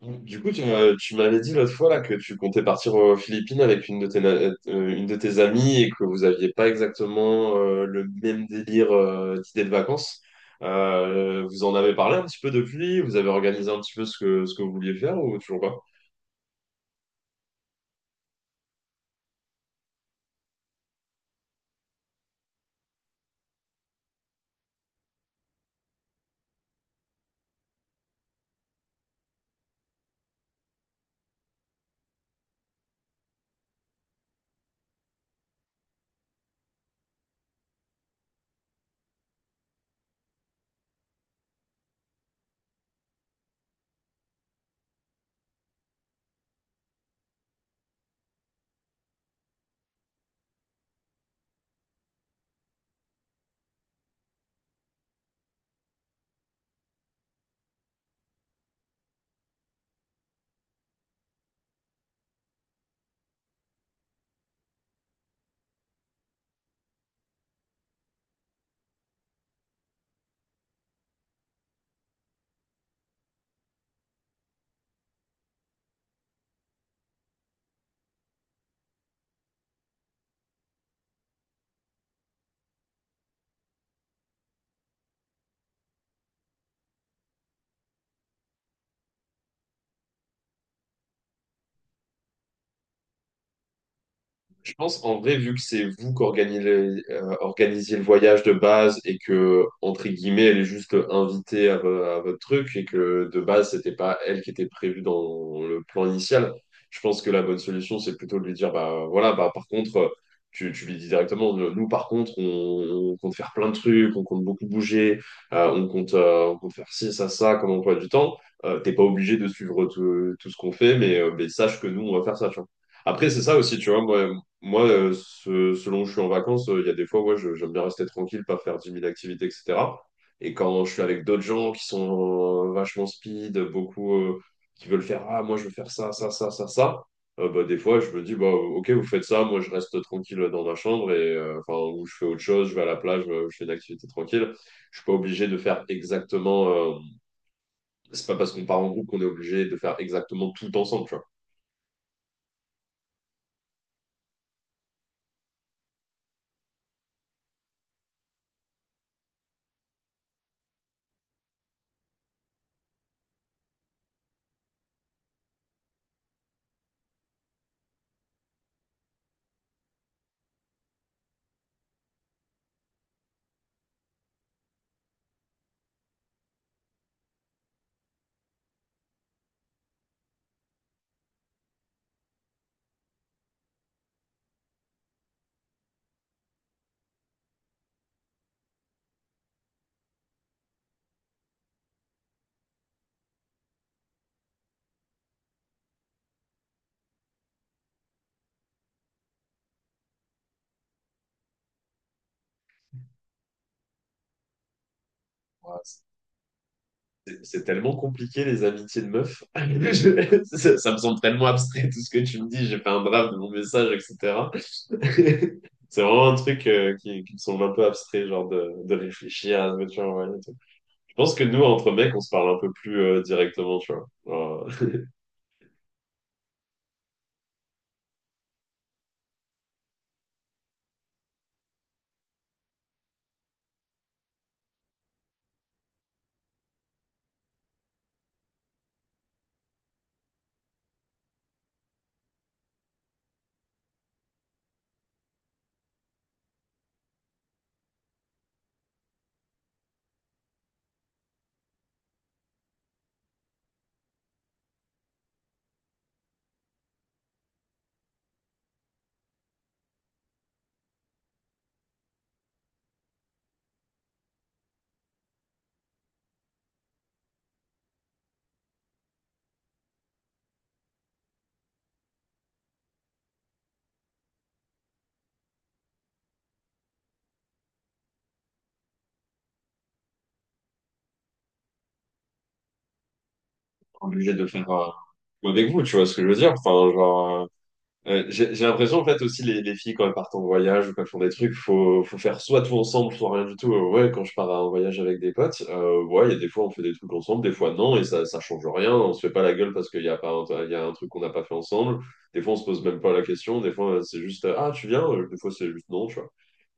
Du coup, tu m'avais dit l'autre fois là, que tu comptais partir aux Philippines avec une de tes amies et que vous aviez pas exactement le même délire d'idée de vacances. Vous en avez parlé un petit peu depuis? Vous avez organisé un petit peu ce que vous vouliez faire ou toujours pas? Je pense en vrai, vu que c'est vous qui organisez le voyage de base et que, entre guillemets, elle est juste invitée à, à votre truc et que de base, c'était pas elle qui était prévue dans le plan initial, je pense que la bonne solution, c'est plutôt de lui dire, bah voilà, bah par contre, tu lui dis directement, nous par contre, on compte faire plein de trucs, on compte beaucoup bouger, on compte faire ci, ça, comme emploi du temps. T'es pas obligé de suivre tout ce qu'on fait, mais sache que nous, on va faire ça, tu vois. Après, c'est ça aussi, tu vois, selon où je suis en vacances, il y a des fois, ouais, j'aime bien rester tranquille, pas faire 10 000 activités, etc. Et quand je suis avec d'autres gens qui sont vachement speed, beaucoup qui veulent faire, ah, moi, je veux faire ça, ça, ça, ça, ça, bah, des fois, je me dis, bah, ok, vous faites ça, moi, je reste tranquille dans ma chambre, et, enfin, ou je fais autre chose, je vais à la plage, je fais une activité tranquille. Je suis pas obligé de faire exactement c'est pas parce qu'on part en groupe qu'on est obligé de faire exactement tout ensemble, tu vois. Voilà. C'est tellement compliqué, les amitiés de meufs. Ça, ça me semble tellement abstrait, tout ce que tu me dis. J'ai fait un draft de mon message, etc. C'est vraiment un truc qui me semble un peu abstrait, genre de réfléchir à ce que tu as envoyé et tout. Je pense que nous, entre mecs, on se parle un peu plus directement, tu vois. Obligé de le faire avec vous, tu vois ce que je veux dire? Enfin, genre, ouais, j'ai l'impression, en fait, aussi, les filles, quand elles partent en voyage ou quand elles font des trucs, faut faire soit tout ensemble, soit rien du tout. Ouais, quand je pars en voyage avec des potes, ouais, il y a des fois, on fait des trucs ensemble, des fois, non, et ça change rien. On se fait pas la gueule parce qu'il y a pas, un- il y a un truc qu'on n'a pas fait ensemble. Des fois, on se pose même pas la question. Des fois, c'est juste, ah, tu viens? Des fois, c'est juste non, tu vois.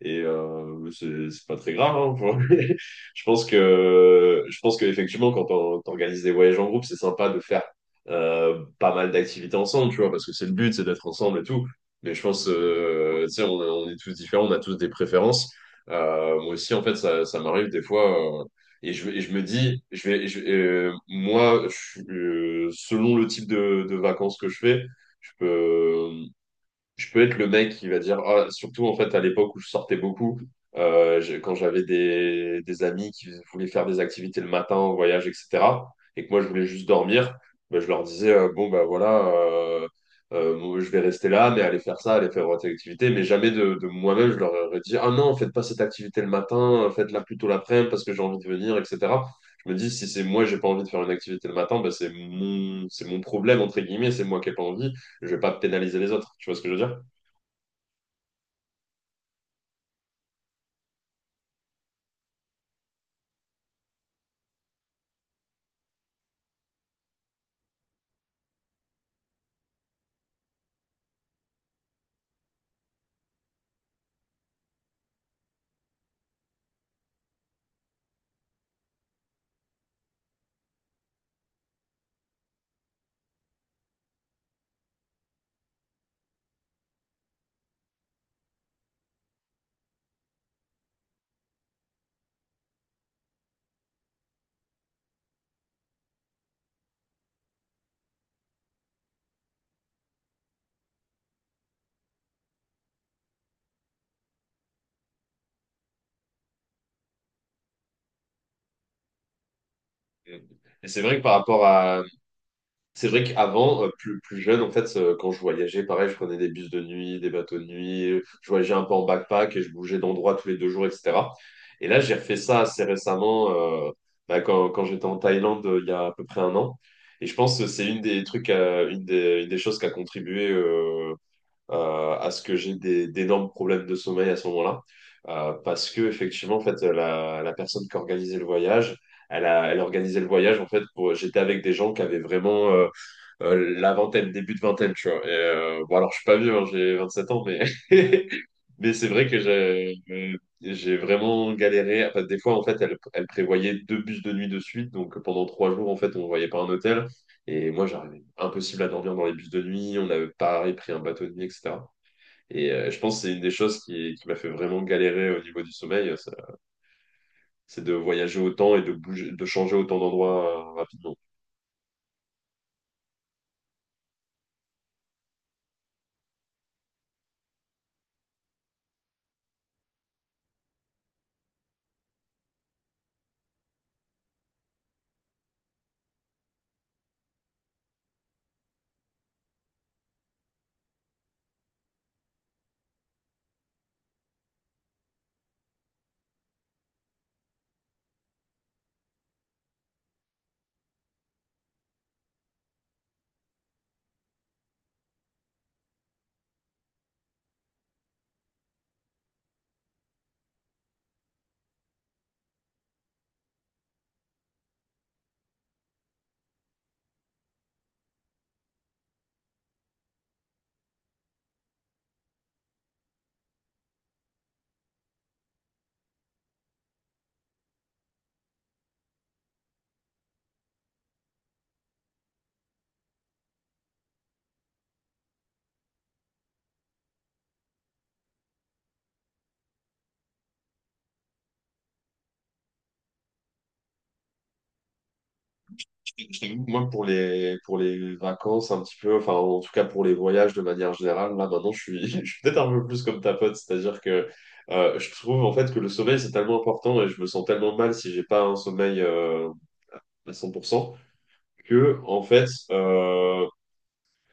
Et c'est pas très grave, hein, je pense qu'effectivement, quand on organise des voyages en groupe, c'est sympa de faire pas mal d'activités ensemble, tu vois, parce que c'est le but, c'est d'être ensemble et tout. Mais je pense, tu sais, on est tous différents, on a tous des préférences. Moi aussi, en fait, ça m'arrive des fois, et je me dis, moi, je suis, selon le type de vacances que je fais, je peux, je peux être le mec qui va dire, ah, surtout en fait à l'époque où je sortais beaucoup, quand j'avais des amis qui voulaient faire des activités le matin en voyage, etc., et que moi je voulais juste dormir, ben, je leur disais, bon ben voilà, moi, je vais rester là, mais allez faire ça, allez faire votre activité, mais jamais de moi-même, je leur aurais dit, ah non, faites pas cette activité le matin, faites-la plutôt l'après-midi parce que j'ai envie de venir, etc. Je me dis, si c'est moi, j'ai pas envie de faire une activité le matin, ben, c'est mon problème, entre guillemets, c'est moi qui ai pas envie. Je vais pas pénaliser les autres. Tu vois ce que je veux dire? Et c'est vrai que par rapport à... C'est vrai qu'avant, plus jeune, en fait, quand je voyageais, pareil, je prenais des bus de nuit, des bateaux de nuit, je voyageais un peu en backpack et je bougeais d'endroit tous les 2 jours, etc. Et là, j'ai refait ça assez récemment, euh, bah, quand j'étais en Thaïlande, il y a à peu près un an. Et je pense que c'est une des trucs, une des choses qui a contribué à ce que j'ai d'énormes problèmes de sommeil à ce moment-là. Parce que effectivement, en fait, la personne qui organisait le voyage, elle organisait le voyage en fait pour. J'étais avec des gens qui avaient vraiment la vingtaine, début de vingtaine, tu vois. Et, bon, alors je suis pas vieux, hein, j'ai 7 ans, mais mais c'est vrai que j'ai vraiment galéré. Enfin, des fois, en fait, elle prévoyait 2 bus de nuit de suite, donc pendant 3 jours, en fait, on ne voyait pas un hôtel. Et moi, j'arrivais impossible à dormir dans les bus de nuit. On avait pareil pris un bateau de nuit, etc. Et je pense que c'est une des choses qui m'a fait vraiment galérer au niveau du sommeil, ça. C'est de voyager autant et de bouger, de changer autant d'endroits rapidement. Je t'avoue, que moi, pour pour les vacances, un petit peu, enfin, en tout cas pour les voyages de manière générale, là, maintenant, je suis, je suis peut-être un peu plus comme ta pote, c'est-à-dire que je trouve, en fait, que le sommeil, c'est tellement important et je me sens tellement mal si j'ai pas un sommeil à 100%, que, en fait,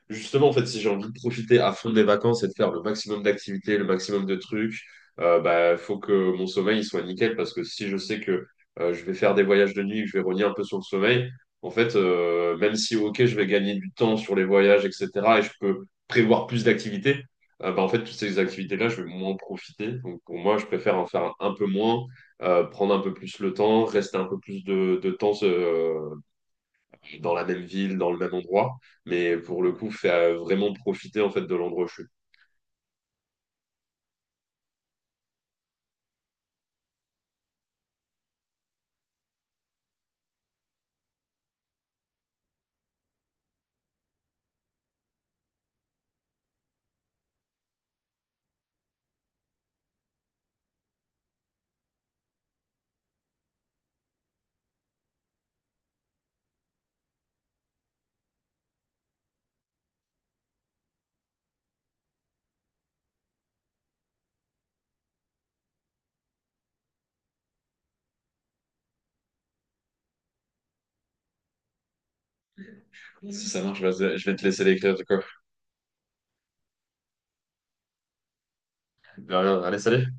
justement, en fait, si j'ai envie de profiter à fond de mes vacances et de faire le maximum d'activités, le maximum de trucs, bah, faut que mon sommeil il soit nickel parce que si je sais que je vais faire des voyages de nuit, que je vais rogner un peu sur le sommeil, en fait, même si, ok, je vais gagner du temps sur les voyages, etc., et je peux prévoir plus d'activités, bah, en fait, toutes ces activités-là, je vais moins en profiter. Donc, pour moi, je préfère en faire un peu moins, prendre un peu plus le temps, rester un peu plus de temps, dans la même ville, dans le même endroit, mais pour le coup, faire vraiment profiter en fait de l'endroit où je suis. Si ça marche, vas-y, je vais te laisser l'écrire du coup. De rien, allez, salut!